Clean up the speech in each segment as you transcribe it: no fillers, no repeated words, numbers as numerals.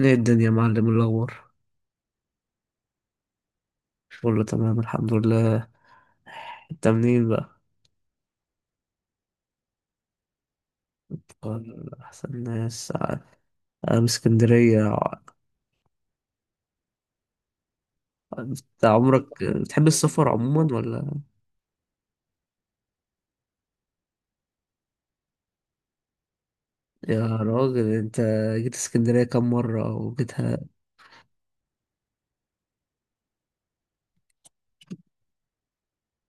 ايه الدنيا يا معلم، إيه الأخبار؟ شغل تمام، الحمد لله. انت منين بقى؟ قال أحسن ناس أنا. من اسكندرية. انت عمرك بتحب السفر عموما ولا؟ يا راجل انت، جيت اسكندرية كم مرة وجيتها؟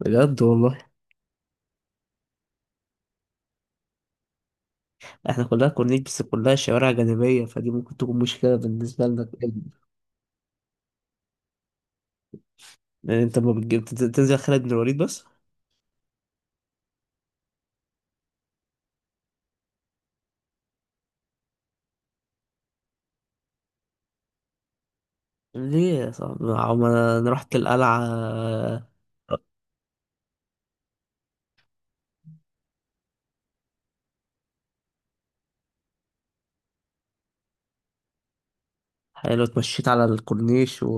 بجد والله. احنا كلها كورنيش، بس كلها شوارع جانبية، فدي ممكن تكون مشكلة بالنسبة لك. يعني انت ما بتجيب تنزل خالد بن الوليد بس؟ ليه يا صاحبي؟ ما- ما انا رحت القلعة. حلو، اتمشيت على الكورنيش و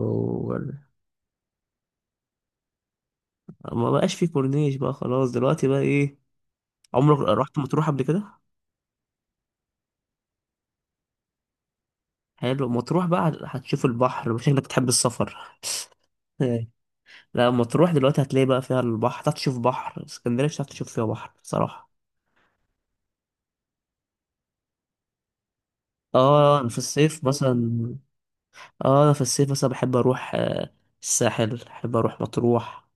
ما بقاش في كورنيش بقى، خلاص دلوقتي بقى ايه؟ عمرك رحت مطروح قبل كده؟ حلو، مطروح بقى هتشوف البحر، شكلك بتحب السفر. إيه. لا مطروح دلوقتي هتلاقي بقى فيها البحر، هتعرف تشوف بحر اسكندريه مش هتعرف تشوف فيها بحر صراحه. اه انا في الصيف مثلا اه انا في الصيف مثلا بحب اروح، الساحل، بحب اروح مطروح،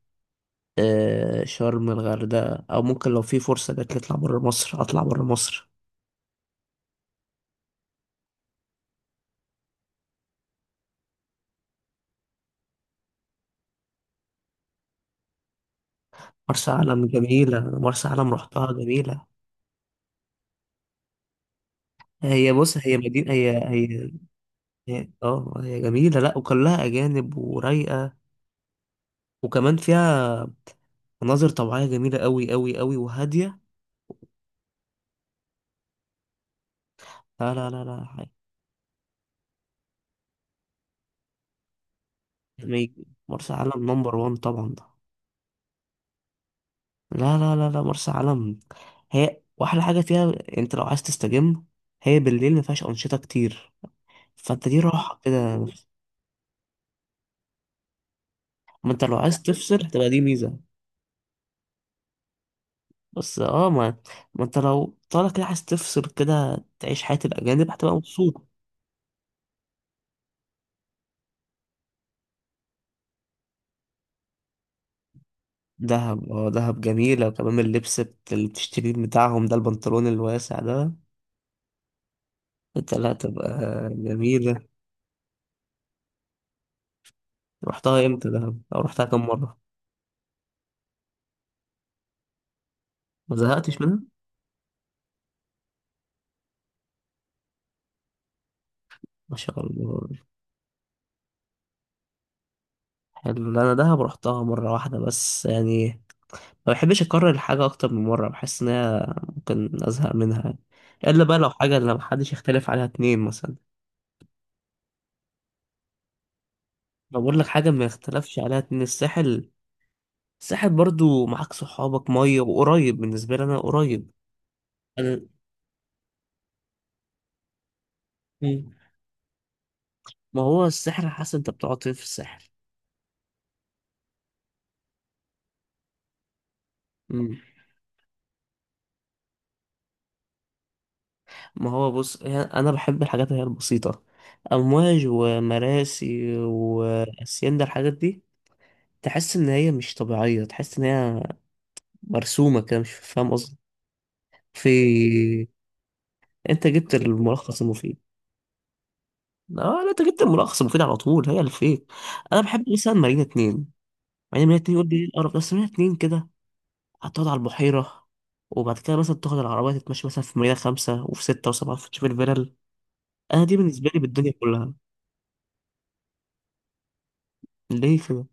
آه شرم الغردقه، او ممكن لو في فرصه جات لي اطلع بره مصر، اطلع بره مصر. مرسى علم جميله، مرسى علم رحتها جميله. هي بص، هي مدينة، هي. اه هي جميلة، لا وكلها أجانب ورايقة. وكمان فيها مناظر طبيعية جميلة أوي أوي أوي وهادية. لا لا لا لا يعني مرسى علم نمبر وان طبعا ده. لا لا لا لا مرسى علم، هي وأحلى حاجة فيها، أنت لو عايز تستجم، هي بالليل مفيهاش أنشطة كتير، فأنت دي راحة كده. ما أنت لو عايز تفصل تبقى دي ميزة. بس ما ما أنت لو طالع كده عايز تفصل كده، تعيش حياة الأجانب هتبقى مبسوط. دهب، دهب جميلة، وكمان اللبس اللي بتشتريه بتاعهم ده، البنطلون الواسع ده. انت لا، تبقى جميلة. رحتها امتى دهب، او رحتها كم مرة؟ ما زهقتش منها. ما شاء الله. حلو. لا انا دهب رحتها مرة واحدة بس يعني، ما بحبش اكرر الحاجة اكتر من مرة، بحس ان هي ممكن ازهق منها، الا بقى لو حاجة لو محدش يختلف عليها اتنين مثلا. لو بقول لك حاجة ما يختلفش عليها اتنين، الساحل. الساحل برضو معاك صحابك مية وقريب، بالنسبة لي انا قريب. أنا- ما هو السحر على حسب انت بتقعد فين في السحر. مم. ما هو بص، انا بحب الحاجات اللي هي البسيطه، امواج ومراسي واسيندا الحاجات دي. تحس ان هي مش طبيعيه، تحس ان هي مرسومه كده، مش فاهم قصدي. في، انت جبت الملخص المفيد. اه لا، انت جبت الملخص المفيد على طول، هي الفيك. انا بحب مثلا مارينا اتنين. مارينا اتنين يقول لي ايه القرف ده؟ بس مارينا اتنين كده هتقعد على البحيره، وبعد كده مثلا تاخد العربية تتمشى مثلا في مدينة خمسة وفي ستة وسبعة وتشوف الفلل. انا دي بالنسبه لي بالدنيا كلها. ليه كده؟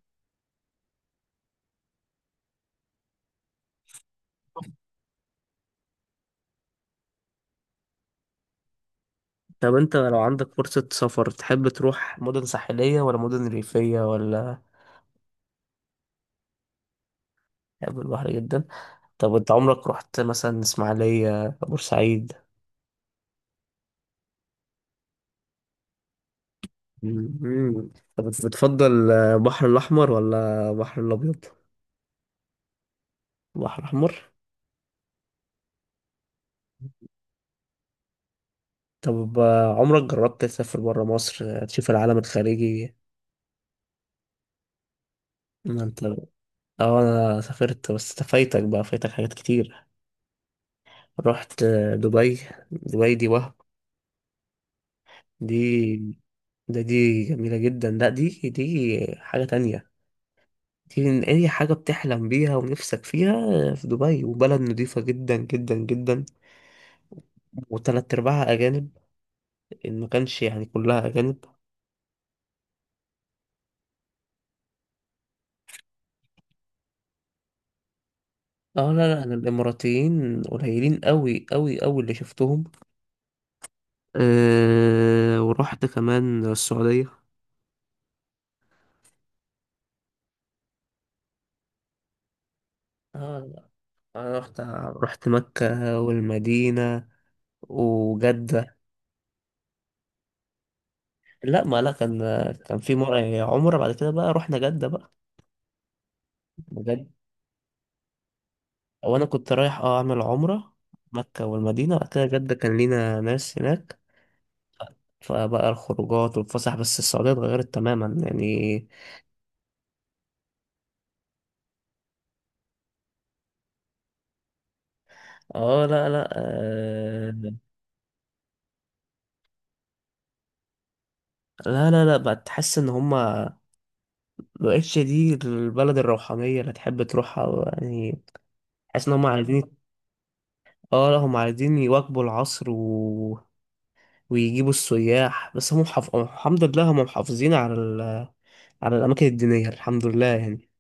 طب انت لو عندك فرصه سفر تحب تروح مدن ساحليه ولا مدن ريفيه ولا؟ تحب البحر جدا. طب انت عمرك رحت مثلا اسماعيليه بورسعيد؟ مم. طب بتفضل البحر الاحمر ولا البحر الابيض؟ البحر الاحمر. طب عمرك جربت تسافر برا مصر تشوف العالم الخارجي؟ ما انت، اه انا سافرت، بس فايتك بقى، فايتك حاجات كتير. رحت دبي. دبي دي وهم، دي، دي جميلة جدا، لا دي حاجة تانية. دي من أي حاجة بتحلم بيها ونفسك فيها في دبي. وبلد نضيفة جدا جدا جدا، وتلات أرباعها أجانب، إن ما كانش يعني كلها أجانب. اه لا لا، أنا الإماراتيين قليلين أوي أوي أوي اللي شفتهم. أه، ورحت كمان السعودية. اه أنا رحت، رحت مكة والمدينة وجدة. لا ما لا كان كان في مرة عمرة، بعد كده بقى رحنا جدة بقى. بجد، وانا كنت رايح اعمل عمرة، مكة والمدينة، وبعد كده جدة، كان لينا ناس هناك، فبقى الخروجات والفسح. بس السعودية اتغيرت تماما يعني. اه لا لا آه. لا لا لا بقت، تحس ان هما، مبقتش دي البلد الروحانية اللي تحب تروحها يعني. تحس ان هما عايزين، اه لا هما عايزين يواكبوا العصر و... ويجيبوا السياح. بس هم محف... الحمد لله هم محافظين على ال... على الأماكن الدينية، الحمد لله يعني.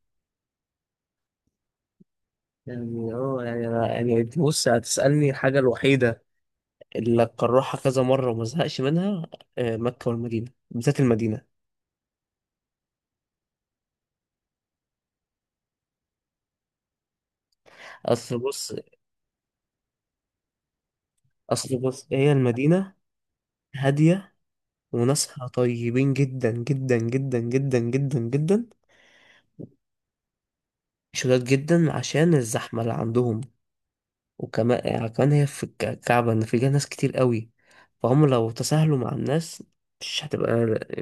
يعني يعني بص، هتسألني الحاجة الوحيدة اللي أكررها كذا مرة وما زهقش منها، آه، مكة والمدينة، بالذات المدينة. أصل بص، أصل بص هي المدينة هادية، وناسها طيبين جدا جدا جدا جدا جدا جدا. شداد جدا عشان الزحمة اللي عندهم. وكمان يعني كمان هي في الكعبة، إن فيها ناس كتير قوي، فهم لو تساهلوا مع الناس مش هتبقى،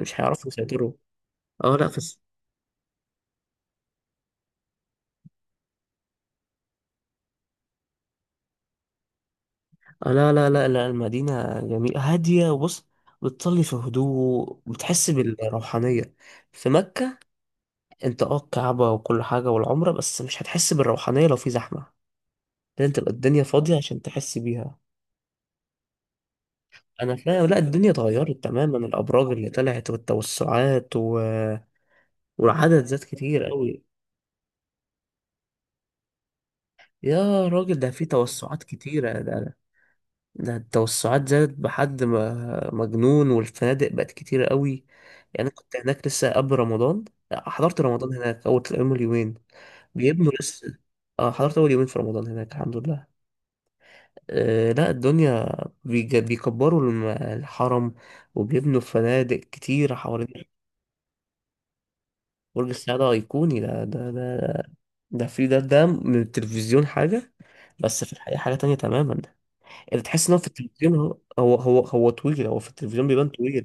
مش هيعرفوا يسيطروا. اه لا، آه، لا لا لا لا المدينة جميلة هادية، وبص بتصلي في هدوء، بتحس بالروحانية. في مكة، انت الكعبة وكل حاجة والعمرة، بس مش هتحس بالروحانية لو في زحمة. لازم تبقى الدنيا فاضية عشان تحس بيها. انا فاهم، لا الدنيا اتغيرت تماما، الابراج اللي طلعت والتوسعات و... والعدد زاد كتير قوي. يا راجل ده في توسعات كتيرة ده، ده التوسعات زادت بحد ما مجنون، والفنادق بقت كتيرة قوي. يعني أنا كنت هناك لسه قبل رمضان، آه، حضرت رمضان هناك، أول يومين. بيبنوا لسه. اه حضرت أول يومين في رمضان هناك، الحمد لله. آه لا الدنيا، بيكبروا الحرم، وبيبنوا فنادق كتير حوالين. برج السعادة أيقوني، ده. ده في ده من التلفزيون حاجة، بس في الحقيقة حاجة تانية تماما. اللي تحس إن هو في التلفزيون، هو, هو طويل، هو في التلفزيون بيبان طويل.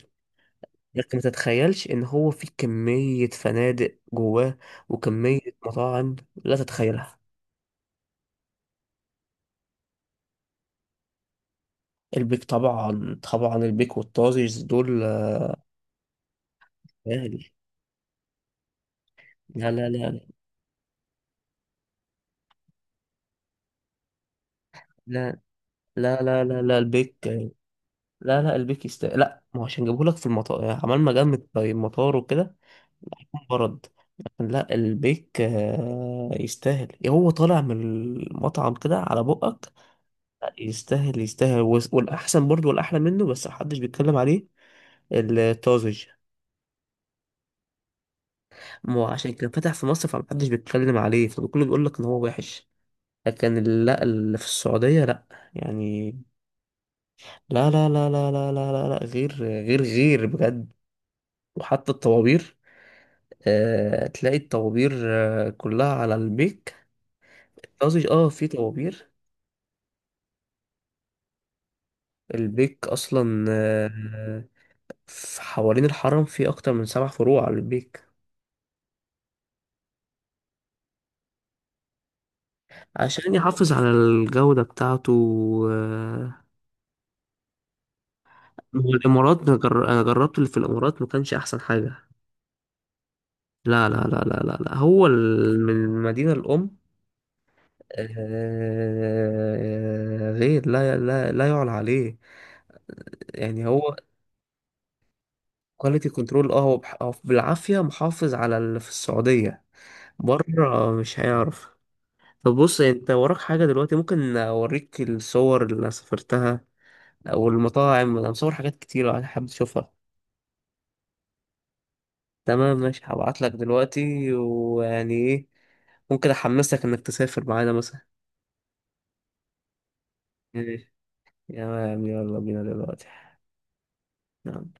انت ما تتخيلش ان هو في كمية فنادق جواه، وكمية مطاعم لا تتخيلها. البيك طبعا طبعا، البيك والطازج دول، آه، غالي. لا لا لا لا لا لا لا لا البيك، لا لا البيك لا ما هو عشان جابهولك في المطار عمال ما جمد في المطار وكده، برد. لا البيك آه، يستاهل إيه، هو طالع من المطعم كده على بقك. لا، يستاهل يستاهل. والأحسن برضه والأحلى منه بس محدش بيتكلم عليه، الطازج. ما هو عشان كان فتح في مصر فمحدش بيتكلم عليه، فكله بيقول لك ان هو وحش. لا اللي في السعودية لا، يعني، لا لا لا لا لا لا لا، لا غير غير غير بجد. وحتى الطوابير، آه تلاقي الطوابير، آه كلها على البيك. قصدي في طوابير. البيك اصلا آه، في حوالين الحرم في اكتر من سبع فروع على البيك. عشان يحافظ على الجودة بتاعته. آه، هو الإمارات، أنا أنا جربت اللي في الإمارات ما كانش أحسن حاجة. لا لا لا لا لا لا، هو من المدينة الأم، آه، غير لا لا لا يعلى عليه. يعني هو كواليتي كنترول، هو هو بالعافية محافظ على اللي في السعودية، بره مش هيعرف. طب بص انت وراك حاجة دلوقتي ممكن اوريك الصور اللي أنا سافرتها او المطاعم، انا مصور حاجات كتير لو حابب تشوفها. تمام ماشي، هبعتلك دلوقتي، ويعني ايه، ممكن احمسك انك تسافر معانا مثلا. تمام يلا بينا دلوقتي. نعم.